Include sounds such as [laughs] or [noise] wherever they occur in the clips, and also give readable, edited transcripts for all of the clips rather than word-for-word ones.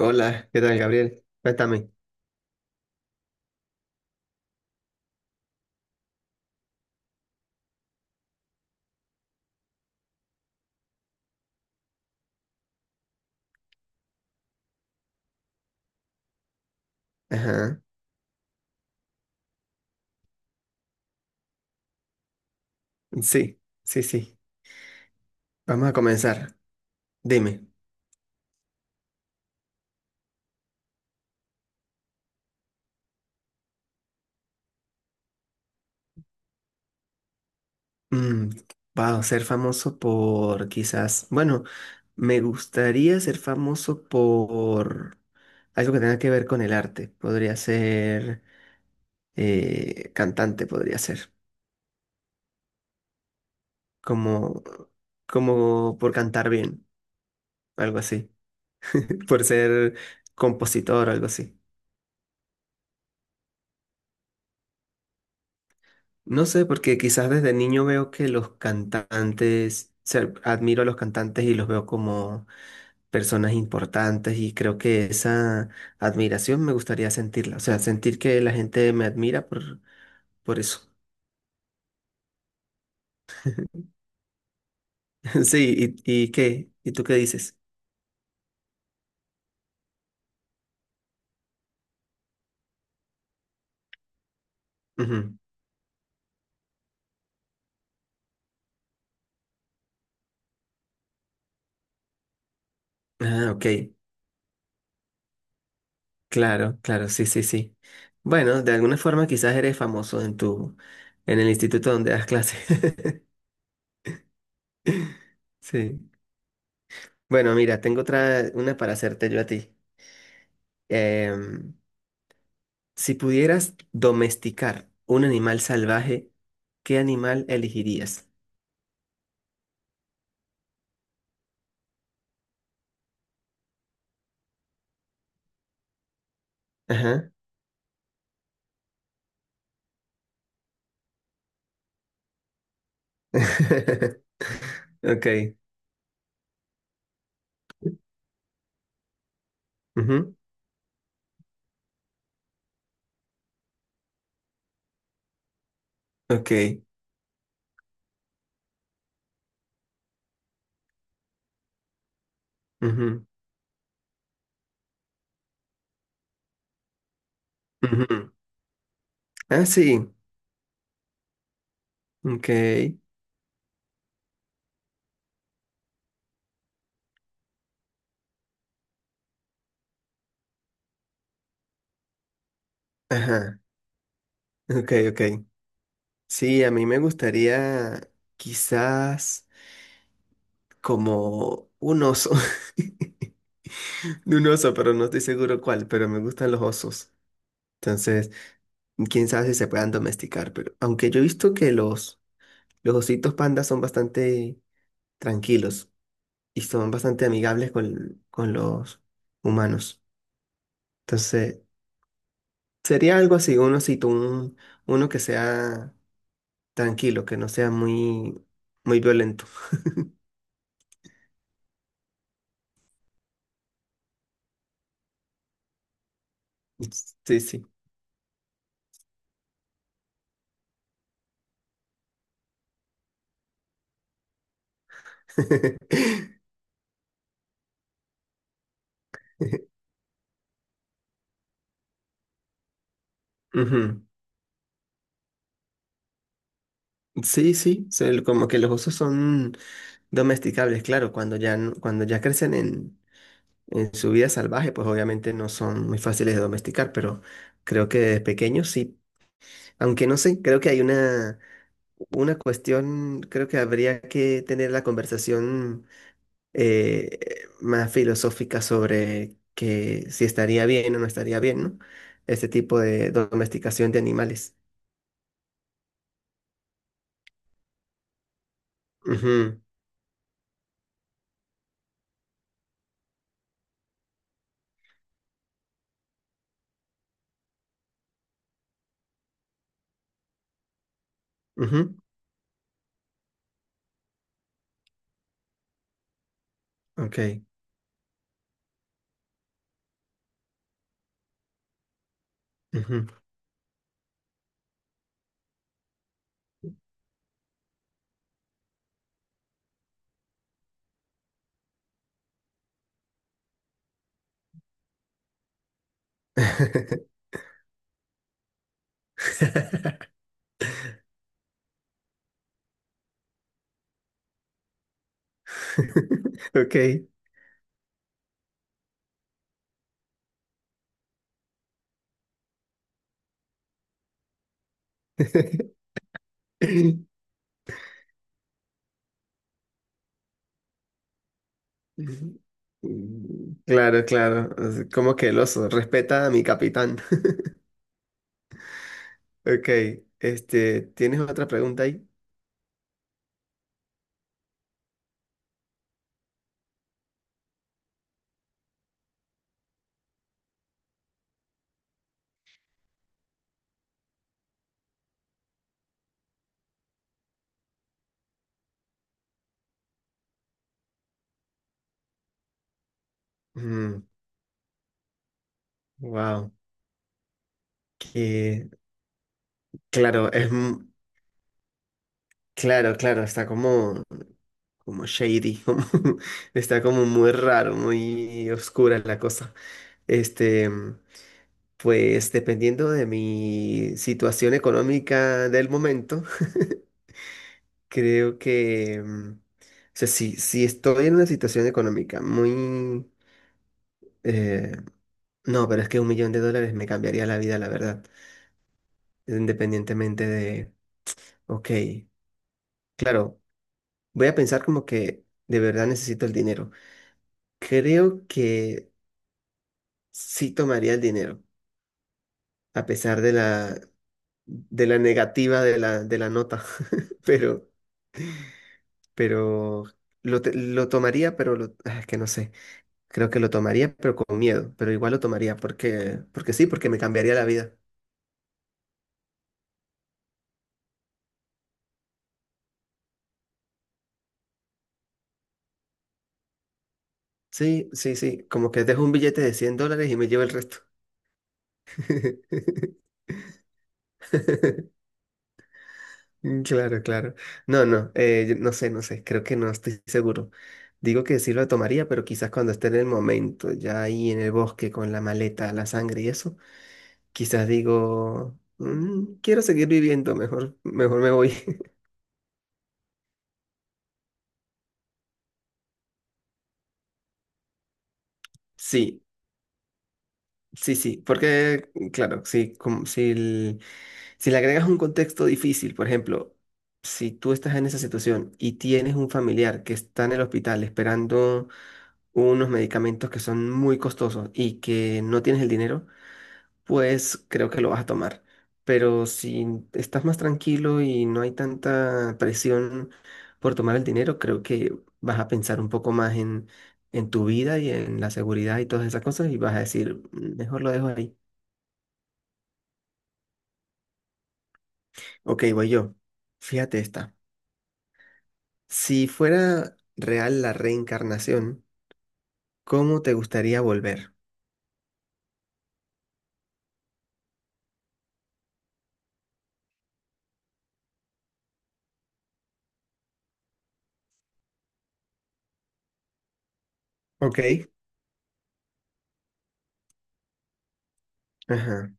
Hola, ¿qué tal, Gabriel? Cuéntame. Ajá. Sí, sí, sí. Vamos a comenzar. Dime. Mm, wow, ser famoso por quizás. Bueno, me gustaría ser famoso por algo que tenga que ver con el arte. Podría ser cantante, podría ser. Como, como por cantar bien, algo así. [laughs] Por ser compositor, algo así. No sé, porque quizás desde niño veo que los cantantes, o admiro a los cantantes y los veo como personas importantes y creo que esa admiración me gustaría sentirla, o sea, sentir que la gente me admira por eso. [laughs] Sí, y qué? ¿Y tú qué dices? Ujú. Ah, ok, claro, claro, sí, sí, sí. Bueno, de alguna forma quizás eres famoso en tu, en el instituto donde das clases. [laughs] Sí. Bueno, mira, tengo otra, una para hacerte yo a ti. Em, Si pudieras domesticar un animal salvaje, ¿qué animal elegirías? Ajá. [laughs] Ok. Ujú. Ok. Ujú, ujú. Ah, sí. Ok. Ajá. Ok, ok. Sí, a mí me gustaría quizás como un oso. [laughs] Un oso, pero no estoy seguro cuál, pero me gustan los osos. Entonces, quién sabe si se puedan domesticar, pero aunque yo he visto que los ositos pandas son bastante tranquilos y son bastante amigables con los humanos. Entonces, sería algo así, uno, si tú, un- uno que sea tranquilo, que no sea muy, muy violento. Sí, sí. [laughs] Ujú. Sí, sí, son como que los osos son domesticables, claro, cuando ya, no- cuando ya crecen en su vida salvaje, pues obviamente no son muy fáciles de domesticar, pero creo que de pequeños sí, aunque no sé, creo que hay una cuestión, creo que habría que tener la conversación eh, más filosófica sobre que si estaría bien o no estaría bien, ¿no? Este tipo de domesticación de animales. Ujú, ujú. Ok. Ujú. [laughs] Ok. [laughs] Claro, claro. Como que el oso respeta a mi capitán. [laughs] Ok. Este, ¿tienes otra pregunta ahí? Wow. Que, claro, claro, claro, está como, como shady, [laughs] como, está como muy raro, muy oscura la cosa. Este, pues dependiendo de mi situación económica del momento, [laughs] creo que, mm, o sea, si, si estoy en una situación económica muy, eh, no, pero es que $1.000.000 me cambiaría la vida, la verdad, independientemente de, ok, claro. Voy a pensar como que de verdad necesito el dinero. Creo que sí tomaría el dinero, a pesar de la negativa de la nota. [laughs] Pero, pero lo tomaría, pero lo, ah, es que no sé. Creo que lo tomaría, pero con miedo. Pero igual lo tomaría porque, porque sí, porque me cambiaría la vida. Sí, sí, sí. Como que dejo un billete de $100 y me llevo el resto. [laughs] Mm, claro, claro. No, no, yo no sé, no sé, creo que no estoy seguro. Digo que sí lo tomaría, pero quizás cuando esté en el momento, ya ahí en el bosque con la maleta, la sangre y eso, quizás digo, "Mm, quiero seguir viviendo, mejor, mejor me voy". [laughs] Sí, sí, sí, porque, claro, sí, como si, el- si le agregas un contexto difícil, por ejemplo, si tú estás en esa situación y tienes un familiar que está en el hospital esperando unos medicamentos que son muy costosos y que no tienes el dinero, pues creo que lo vas a tomar. Pero si estás más tranquilo y no hay tanta presión por tomar el dinero, creo que vas a pensar un poco más en tu vida y en la seguridad y todas esas cosas y vas a decir, "Mm, mejor lo dejo ahí". Ok, voy yo. Fíjate esta. Si fuera real la reencarnación, ¿cómo te gustaría volver? Ok. Ajá.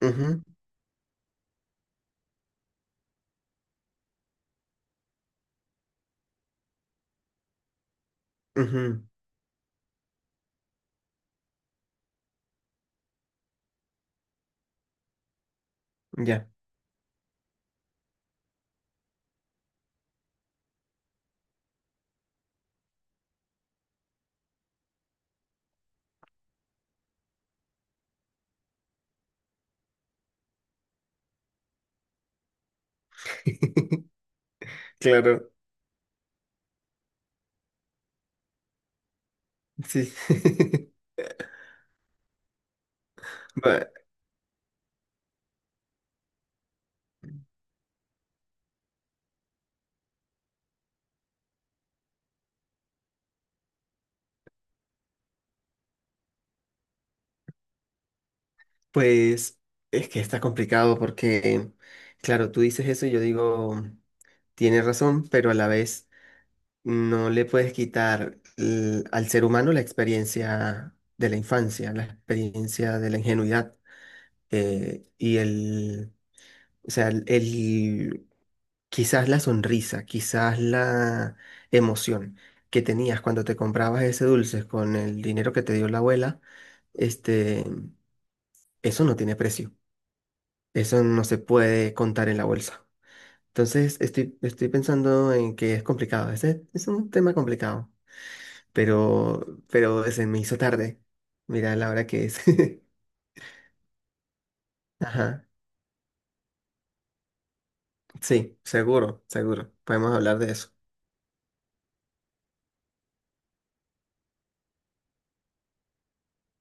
Ujú, ujú. Ya. [laughs] Claro, sí. [laughs] Ba- Pues es que está complicado porque, claro, tú dices eso y yo digo, tienes razón, pero a la vez no le puedes quitar al ser humano la experiencia de la infancia, la experiencia de la ingenuidad y el, o sea, quizás la sonrisa, quizás la emoción que tenías cuando te comprabas ese dulce con el dinero que te dio la abuela, este. Eso no tiene precio. Eso no se puede contar en la bolsa. Entonces, estoy, estoy pensando en que es complicado. Ese es un tema complicado. Pero se me hizo tarde. Mira la hora que es. [laughs] Ajá. Sí, seguro, seguro. Podemos hablar de eso.